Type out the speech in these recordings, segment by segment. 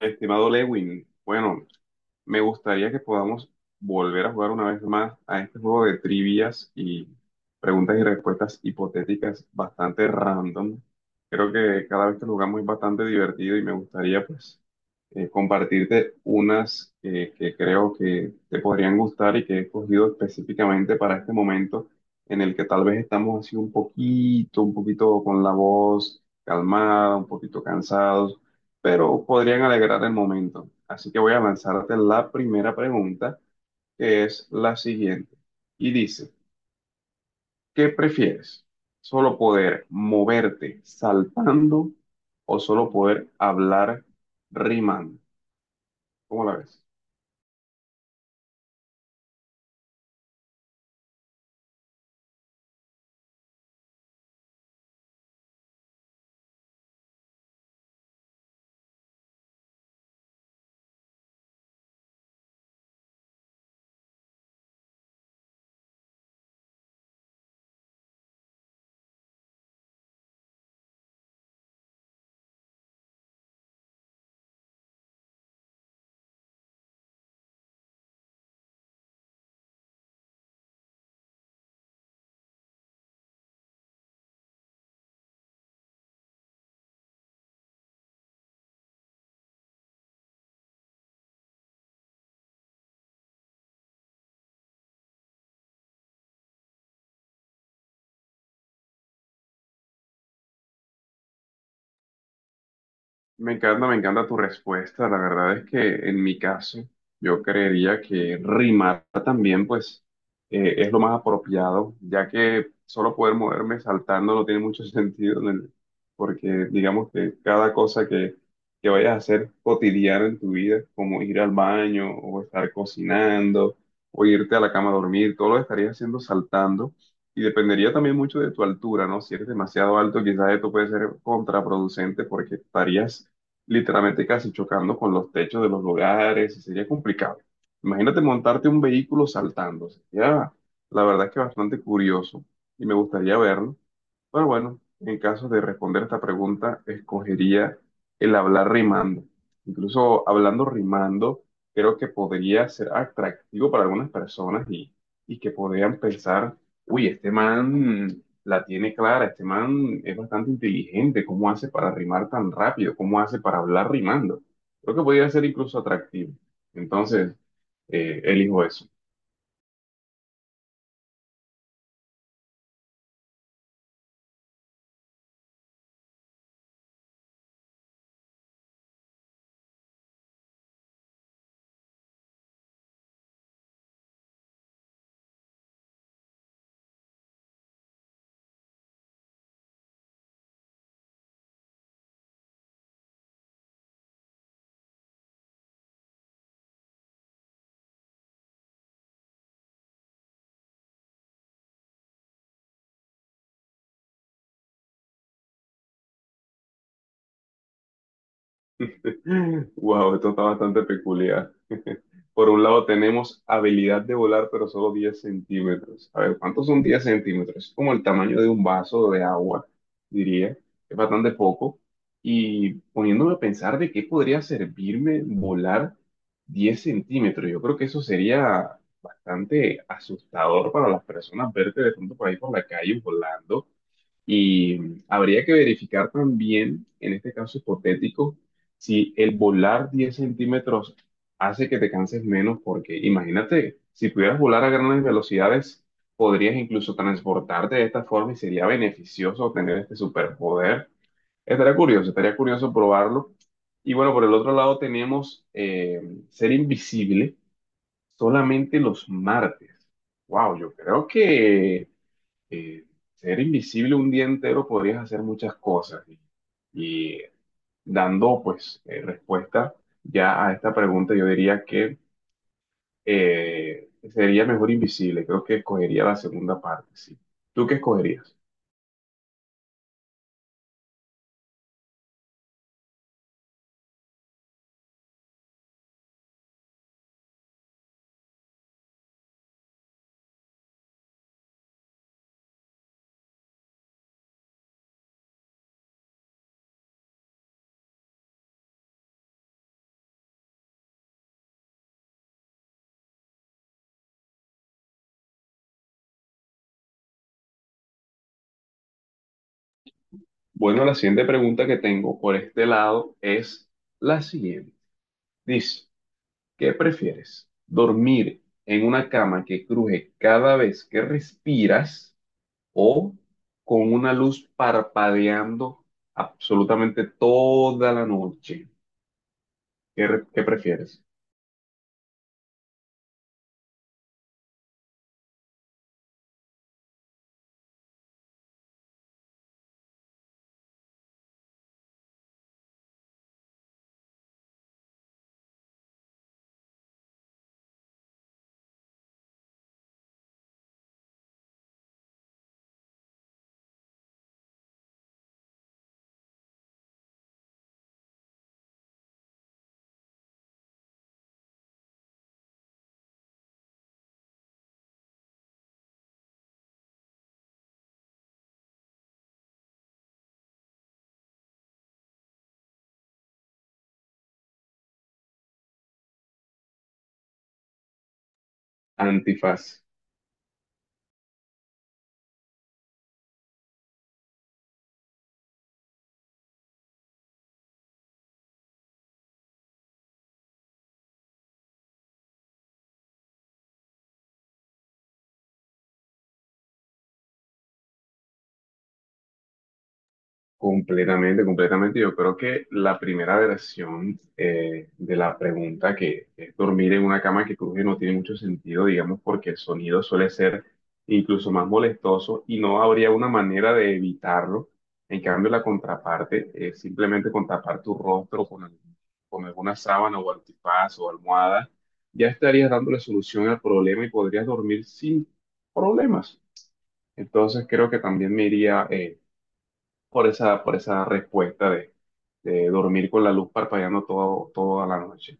Estimado Lewin, bueno, me gustaría que podamos volver a jugar una vez más a este juego de trivias y preguntas y respuestas hipotéticas bastante random. Creo que cada vez que lo jugamos es bastante divertido y me gustaría pues compartirte unas que creo que te podrían gustar y que he escogido específicamente para este momento en el que tal vez estamos así un poquito con la voz calmada, un poquito cansados pero podrían alegrar el momento. Así que voy a lanzarte la primera pregunta, que es la siguiente. Y dice, ¿qué prefieres? ¿Solo poder moverte saltando o solo poder hablar rimando? ¿Cómo la ves? Me encanta tu respuesta. La verdad es que en mi caso, yo creería que rimar también, pues, es lo más apropiado, ya que solo poder moverme saltando no tiene mucho sentido, porque digamos que cada cosa que vayas a hacer cotidiana en tu vida, como ir al baño o estar cocinando o irte a la cama a dormir, todo lo estarías haciendo saltando. Y dependería también mucho de tu altura, ¿no? Si eres demasiado alto, quizás esto puede ser contraproducente porque estarías literalmente casi chocando con los techos de los lugares, y sería complicado. Imagínate montarte un vehículo saltando, sería la verdad que bastante curioso y me gustaría verlo. Pero bueno, en caso de responder esta pregunta, escogería el hablar rimando. Incluso hablando rimando, creo que podría ser atractivo para algunas personas y que podrían pensar, uy, este man la tiene clara. Este man es bastante inteligente. ¿Cómo hace para rimar tan rápido? ¿Cómo hace para hablar rimando? Creo que podría ser incluso atractivo. Entonces, elijo eso. Wow, esto está bastante peculiar. Por un lado tenemos habilidad de volar, pero solo 10 cm. A ver, ¿cuántos son 10 cm? Es como el tamaño de un vaso de agua, diría. Es bastante poco. Y poniéndome a pensar de qué podría servirme volar 10 cm, yo creo que eso sería bastante asustador para las personas verte de pronto por ahí por la calle volando. Y habría que verificar también, en este caso hipotético, si el volar 10 cm hace que te canses menos porque imagínate, si pudieras volar a grandes velocidades, podrías incluso transportarte de esta forma y sería beneficioso tener este superpoder. Estaría curioso probarlo. Y bueno, por el otro lado tenemos ser invisible solamente los martes. Wow, yo creo que eh, ser invisible un día entero podrías hacer muchas cosas. Y dando pues respuesta ya a esta pregunta, yo diría que sería mejor invisible. Creo que escogería la segunda parte, sí. ¿Tú qué escogerías? Bueno, la siguiente pregunta que tengo por este lado es la siguiente. Dice, ¿qué prefieres? ¿Dormir en una cama que cruje cada vez que respiras o con una luz parpadeando absolutamente toda la noche? ¿Qué, re- qué prefieres? Antifaz. Completamente, completamente. Yo creo que la primera versión de la pregunta, que es dormir en una cama que cruje, no tiene mucho sentido, digamos, porque el sonido suele ser incluso más molestoso y no habría una manera de evitarlo. En cambio, la contraparte es simplemente con tapar tu rostro con, con alguna sábana o antifaz o almohada, ya estarías dándole solución al problema y podrías dormir sin problemas. Entonces, creo que también me iría por esa respuesta de dormir con la luz parpadeando todo, toda la noche.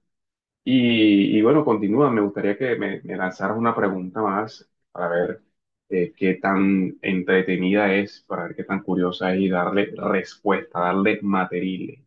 Y bueno, continúa, me gustaría que me lanzaras una pregunta más para ver qué tan entretenida es, para ver qué tan curiosa es y darle respuesta, darle material.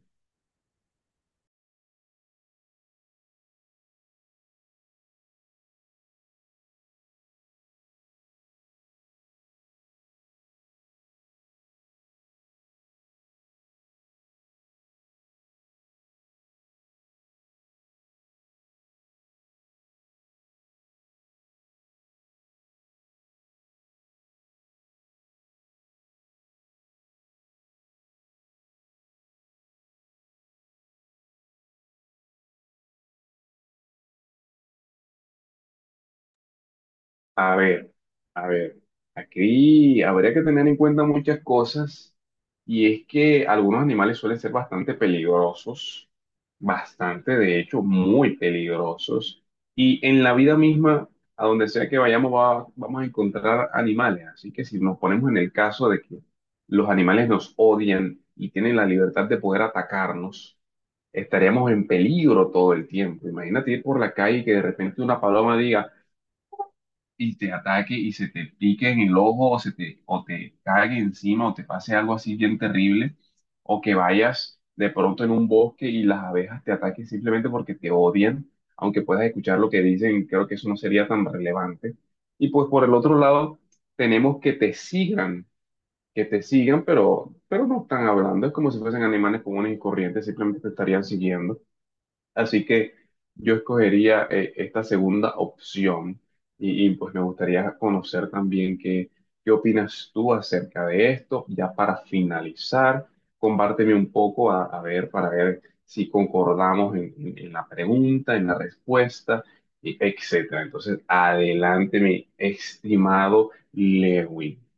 A ver, a ver, aquí habría que tener en cuenta muchas cosas y es que algunos animales suelen ser bastante peligrosos, bastante, de hecho, muy peligrosos y en la vida misma, a donde sea que vayamos, vamos a encontrar animales. Así que si nos ponemos en el caso de que los animales nos odian y tienen la libertad de poder atacarnos, estaríamos en peligro todo el tiempo. Imagínate ir por la calle y que de repente una paloma diga, y te ataque y se te pique en el ojo o se te, o te cague encima o te pase algo así bien terrible o que vayas de pronto en un bosque y las abejas te ataquen simplemente porque te odian, aunque puedas escuchar lo que dicen, creo que eso no sería tan relevante. Y pues por el otro lado, tenemos que te sigan, pero no están hablando, es como si fuesen animales comunes y corrientes, simplemente te estarían siguiendo. Así que yo escogería esta segunda opción pues me gustaría conocer también qué opinas tú acerca de esto. Ya para finalizar, compárteme un poco a ver, para ver si concordamos en, en la pregunta, en la respuesta, y etcétera. Entonces, adelante, mi estimado Lewin.